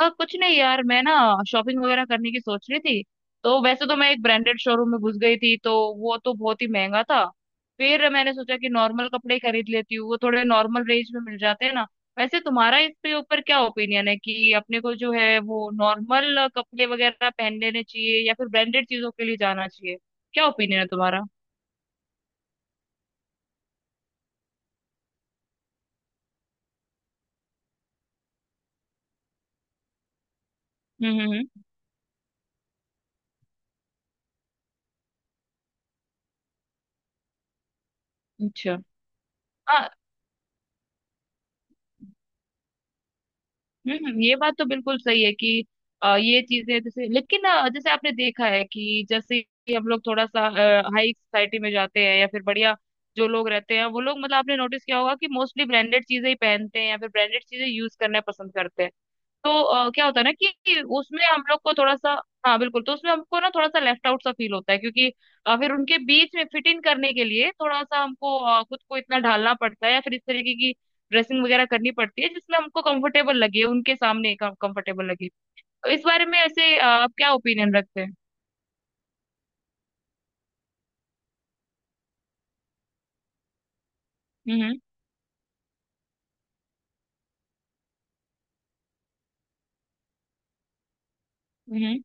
हाँ कुछ नहीं यार, मैं ना शॉपिंग वगैरह करने की सोच रही थी। तो वैसे तो मैं एक ब्रांडेड शोरूम में घुस गई थी, तो वो तो बहुत ही महंगा था। फिर मैंने सोचा कि नॉर्मल कपड़े ही खरीद लेती हूँ, वो थोड़े नॉर्मल रेंज में मिल जाते हैं ना। वैसे तुम्हारा इसके ऊपर क्या ओपिनियन है कि अपने को जो है वो नॉर्मल कपड़े वगैरह पहन लेने चाहिए या फिर ब्रांडेड चीजों के लिए जाना चाहिए? क्या ओपिनियन है तुम्हारा? हम्म हम्म हम्म। अच्छा। हाँ। ये बात तो बिल्कुल सही है कि ये चीजें जैसे, लेकिन जैसे आपने देखा है कि जैसे ही हम लोग थोड़ा सा हाई सोसाइटी में जाते हैं या फिर बढ़िया जो लोग रहते हैं वो लोग, मतलब आपने नोटिस किया होगा कि मोस्टली ब्रांडेड चीजें ही पहनते हैं या फिर ब्रांडेड चीजें यूज करना पसंद करते हैं। तो क्या होता है ना कि उसमें हम लोग को थोड़ा सा। हाँ बिल्कुल, तो उसमें हमको ना थोड़ा सा लेफ्ट आउट सा फील होता है, क्योंकि फिर उनके बीच में फिट इन करने के लिए थोड़ा सा हमको खुद को इतना ढालना पड़ता है या फिर इस तरीके की ड्रेसिंग वगैरह करनी पड़ती है जिसमें हमको कंफर्टेबल लगे, उनके सामने कंफर्टेबल लगे। तो इस बारे में ऐसे, आप क्या ओपिनियन रखते हैं? हम्म हम्म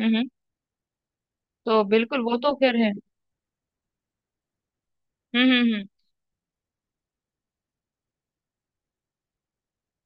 हम्म हम्म। तो बिल्कुल, वो तो खैर है। हम्म।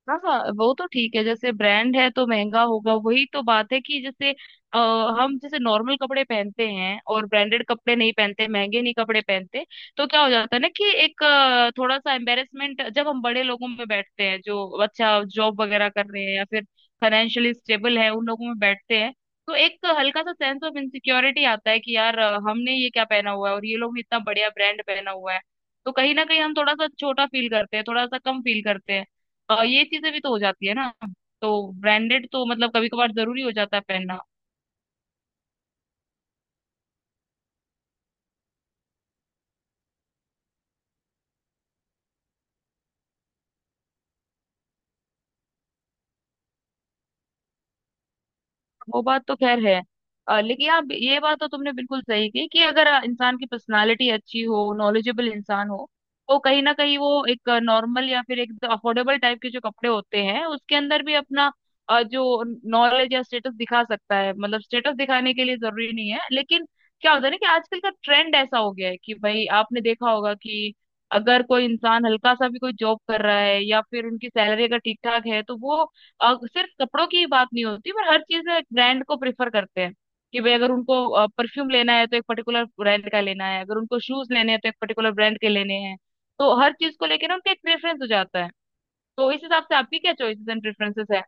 हाँ हाँ, वो तो ठीक है, जैसे ब्रांड है तो महंगा होगा, वही तो बात है कि जैसे अ, हम जैसे नॉर्मल कपड़े पहनते हैं और ब्रांडेड कपड़े नहीं पहनते, महंगे नहीं कपड़े पहनते, तो क्या हो जाता है ना कि एक थोड़ा सा एम्बेरसमेंट, जब हम बड़े लोगों में बैठते हैं जो अच्छा जॉब वगैरह कर रहे हैं या फिर फाइनेंशियली स्टेबल है उन लोगों में बैठते हैं, तो एक हल्का सा सेंस ऑफ इनसिक्योरिटी आता है कि यार, हमने ये क्या पहना हुआ है और ये लोग भी इतना बढ़िया ब्रांड पहना हुआ है। तो कहीं ना कहीं हम थोड़ा सा छोटा फील करते हैं, थोड़ा सा कम फील करते हैं। ये चीजें भी तो हो जाती है ना। तो ब्रांडेड तो मतलब कभी कभार जरूरी हो जाता है पहनना। वो बात तो खैर है। लेकिन आप ये बात तो तुमने बिल्कुल सही की कि अगर इंसान की पर्सनालिटी अच्छी हो, नॉलेजेबल इंसान हो, तो कहीं ना कहीं वो एक नॉर्मल या फिर एक अफोर्डेबल टाइप के जो कपड़े होते हैं उसके अंदर भी अपना जो नॉलेज या स्टेटस दिखा सकता है, मतलब स्टेटस दिखाने के लिए जरूरी नहीं है, लेकिन क्या होता है ना कि आजकल का ट्रेंड ऐसा हो गया है कि भाई आपने देखा होगा कि अगर कोई इंसान हल्का सा भी कोई जॉब कर रहा है या फिर उनकी सैलरी अगर ठीक ठाक है, तो वो और सिर्फ कपड़ों की ही बात नहीं होती पर हर चीज में ब्रांड को प्रेफर करते हैं कि भाई अगर उनको परफ्यूम लेना है तो एक पर्टिकुलर ब्रांड का लेना है, अगर उनको शूज लेने हैं तो एक पर्टिकुलर ब्रांड के लेने हैं। तो हर चीज को लेकर ना उनका एक प्रेफरेंस हो जाता है। तो इस हिसाब से आपकी क्या चॉइसेस एंड प्रेफरेंसेस है?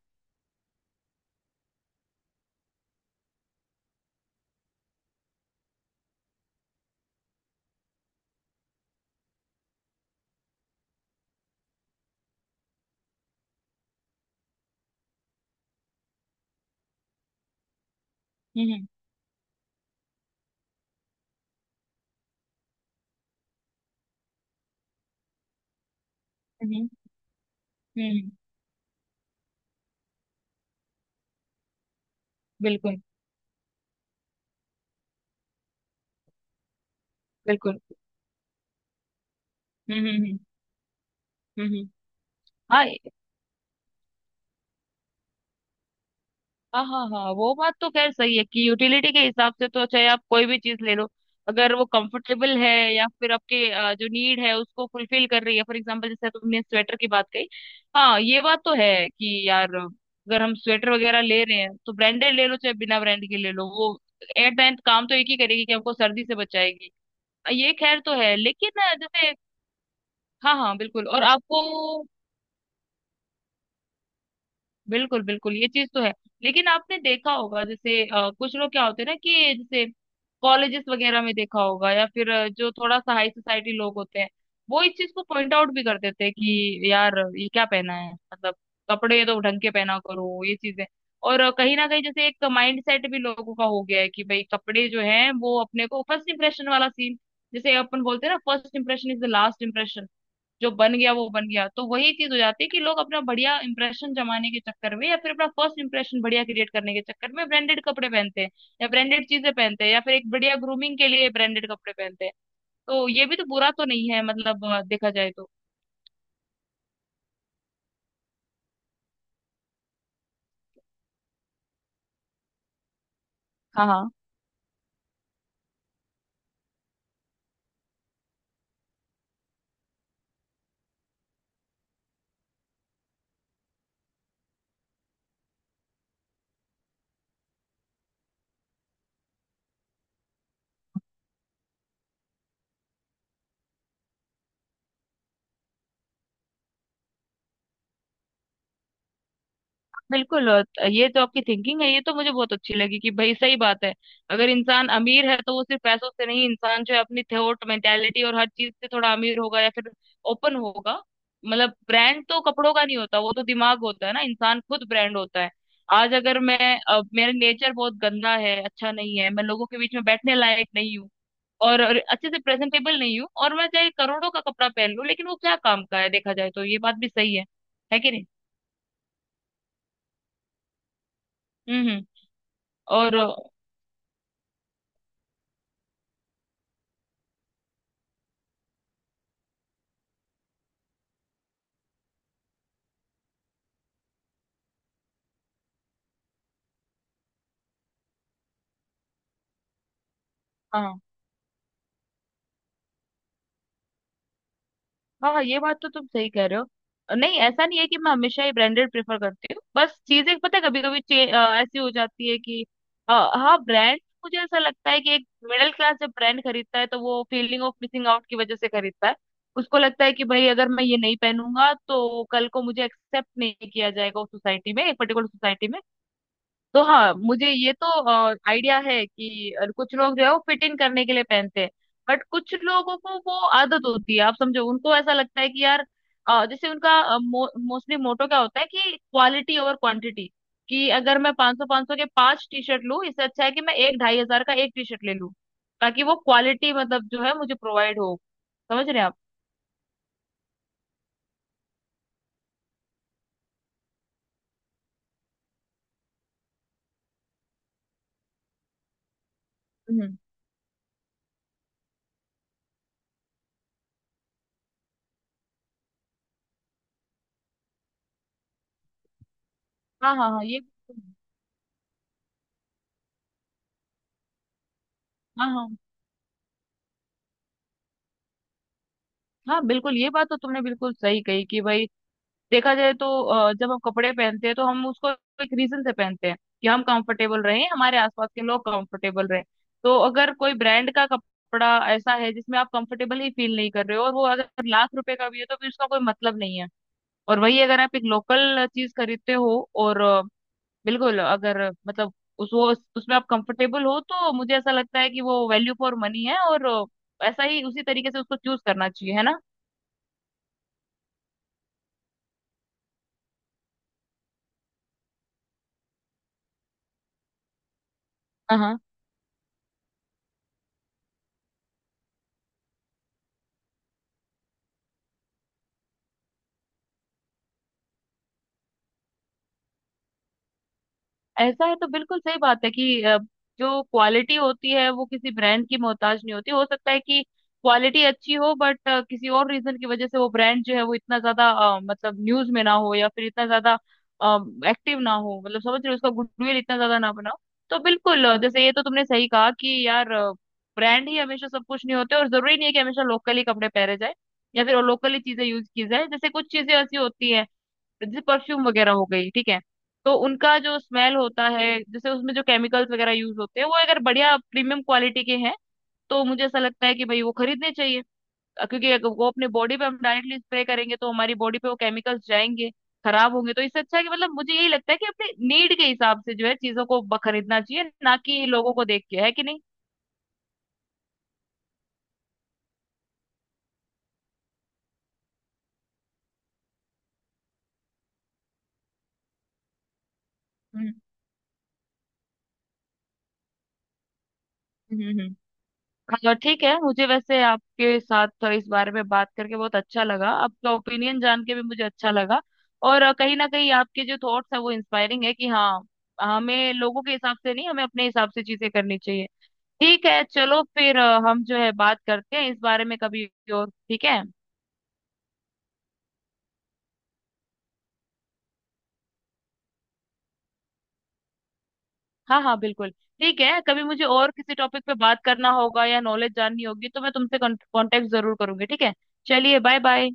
हम्म हम्म हम्म हम्म, बिल्कुल बिल्कुल। हम्म हम्म हम्म हम्म, हाँ हाँ हाँ। हाँ वो बात तो खैर सही है कि यूटिलिटी के हिसाब से तो चाहे आप कोई भी चीज ले लो, अगर वो कंफर्टेबल है या फिर आपके जो नीड है उसको फुलफिल कर रही है। फॉर एग्जांपल जैसे तुमने स्वेटर की बात कही, हाँ ये बात तो है कि यार अगर हम स्वेटर वगैरह ले रहे हैं तो ब्रांडेड ले लो चाहे बिना ब्रांड के ले लो, वो एट द एंड काम तो एक ही करेगी कि हमको सर्दी से बचाएगी। ये खैर तो है, लेकिन जैसे, हाँ हाँ बिल्कुल, और आपको बिल्कुल बिल्कुल, ये चीज तो है। लेकिन आपने देखा होगा जैसे कुछ लोग क्या होते हैं ना कि जैसे कॉलेजेस वगैरह में देखा होगा, या फिर जो थोड़ा सा हाई सोसाइटी लोग होते हैं, वो इस चीज को पॉइंट आउट भी कर देते हैं कि यार ये क्या पहना है, मतलब कपड़े तो ढंग के पहना करो, ये चीजें। और कहीं ना कहीं जैसे एक माइंड सेट भी लोगों का हो गया है कि भाई कपड़े जो है वो अपने को फर्स्ट इंप्रेशन वाला सीन, जैसे अपन बोलते हैं ना first impression is the last. जो बन गया वो बन गया, तो वही चीज हो जाती है कि लोग अपना बढ़िया इंप्रेशन जमाने के चक्कर में या फिर अपना फर्स्ट इंप्रेशन बढ़िया क्रिएट करने के चक्कर में ब्रांडेड कपड़े पहनते हैं, या ब्रांडेड चीजें पहनते हैं, या फिर एक बढ़िया ग्रूमिंग के लिए ब्रांडेड कपड़े पहनते हैं। तो ये भी तो बुरा तो नहीं है, मतलब देखा जाए तो। हाँ हाँ बिल्कुल, और ये तो आपकी थिंकिंग है, ये तो मुझे बहुत अच्छी लगी कि भाई सही बात है। अगर इंसान अमीर है तो वो सिर्फ पैसों से नहीं, इंसान जो है अपनी थॉट मेंटेलिटी और हर चीज से थोड़ा अमीर होगा या फिर ओपन होगा। मतलब ब्रांड तो कपड़ों का नहीं होता, वो तो दिमाग होता है ना, इंसान खुद ब्रांड होता है। आज अगर मैं, अब मेरा नेचर बहुत गंदा है, अच्छा नहीं है, मैं लोगों के बीच में बैठने लायक नहीं हूँ, और अच्छे से प्रेजेंटेबल नहीं हूँ, और मैं चाहे करोड़ों का कपड़ा पहन लूं लेकिन वो क्या काम का है? देखा जाए तो ये बात भी सही है कि नहीं? हम्म। और हाँ हाँ, ये बात तो तुम सही कह रहे हो। नहीं ऐसा नहीं है कि मैं हमेशा ही ब्रांडेड प्रेफर करती हूँ, बस चीजें पता है कभी कभी ऐसी हो जाती है कि हाँ ब्रांड, मुझे ऐसा लगता है कि एक मिडिल क्लास जब ब्रांड खरीदता है तो वो फीलिंग ऑफ मिसिंग आउट की वजह से खरीदता है। उसको लगता है कि भाई अगर मैं ये नहीं पहनूंगा तो कल को मुझे एक्सेप्ट नहीं किया जाएगा उस सोसाइटी में, एक पर्टिकुलर सोसाइटी में। तो हाँ मुझे ये तो आइडिया है कि कुछ लोग जो है वो फिट इन करने के लिए पहनते हैं, बट कुछ लोगों को वो आदत होती है, आप समझो उनको ऐसा लगता है कि यार, जैसे उनका मोस्टली मोटो क्या होता है कि क्वालिटी ओवर क्वांटिटी, कि अगर मैं 500 500 के पांच टी शर्ट लूं इससे अच्छा है कि मैं एक ढाई हजार का एक टी शर्ट ले लूं, ताकि वो क्वालिटी मतलब जो है मुझे प्रोवाइड हो। समझ रहे हैं आप? हम्म। हाँ हाँ हाँ, ये हाँ हाँ हाँ बिल्कुल, ये बात तो तुमने बिल्कुल सही कही कि भाई देखा जाए तो जब हम कपड़े पहनते हैं तो हम उसको एक रीजन से पहनते हैं कि हम कंफर्टेबल रहें, हमारे आसपास के लोग कंफर्टेबल रहें। तो अगर कोई ब्रांड का कपड़ा ऐसा है जिसमें आप कंफर्टेबल ही फील नहीं कर रहे हो और वो अगर लाख रुपए का भी है तो फिर उसका कोई मतलब नहीं है। और वही अगर आप एक लोकल चीज खरीदते हो और बिल्कुल अगर, मतलब उस वो उसमें आप कंफर्टेबल हो, तो मुझे ऐसा लगता है कि वो वैल्यू फॉर मनी है। और ऐसा ही उसी तरीके से उसको चूज करना चाहिए, है ना? हाँ ऐसा है तो बिल्कुल सही बात है कि जो क्वालिटी होती है वो किसी ब्रांड की मोहताज नहीं होती, हो सकता है कि क्वालिटी अच्छी हो बट किसी और रीजन की वजह से वो ब्रांड जो है वो इतना ज्यादा मतलब न्यूज में ना हो या फिर इतना ज्यादा एक्टिव ना हो, मतलब समझ रहे हो उसका गुडविल इतना ज्यादा ना बनाओ। तो बिल्कुल, जैसे ये तो तुमने सही कहा कि यार ब्रांड ही हमेशा सब कुछ नहीं होते, और जरूरी नहीं है कि हमेशा लोकली कपड़े पहने जाए या फिर लोकली चीजें यूज की जाए। जैसे कुछ चीजें ऐसी होती है जैसे परफ्यूम वगैरह हो गई, ठीक है, तो उनका जो स्मेल होता है जैसे उसमें जो केमिकल्स वगैरह यूज होते हैं वो अगर बढ़िया प्रीमियम क्वालिटी के हैं, तो मुझे ऐसा लगता है कि भाई वो खरीदने चाहिए। क्योंकि अगर वो अपने बॉडी पे हम डायरेक्टली स्प्रे करेंगे तो हमारी बॉडी पे वो केमिकल्स जाएंगे, खराब होंगे, तो इससे अच्छा है कि, मतलब मुझे यही लगता है कि अपने नीड के हिसाब से जो है चीजों को ब- खरीदना चाहिए, ना कि लोगों को देख के, है कि नहीं? हम्म हम्म हम्म। हाँ, ठीक है, मुझे वैसे आपके साथ तो इस बारे में बात करके बहुत अच्छा लगा, आपका ओपिनियन जान के भी मुझे अच्छा लगा। और कहीं ना कहीं आपके जो थॉट्स हैं वो इंस्पायरिंग है कि हाँ, हमें लोगों के हिसाब से नहीं, हमें अपने हिसाब से चीजें करनी चाहिए। ठीक है, चलो फिर हम जो है बात करते हैं इस बारे में कभी और, ठीक है। हाँ हाँ बिल्कुल। ठीक है, कभी मुझे और किसी टॉपिक पे बात करना होगा या नॉलेज जाननी होगी तो मैं तुमसे कांटेक्ट जरूर करूंगी, ठीक है। चलिए, बाय बाय।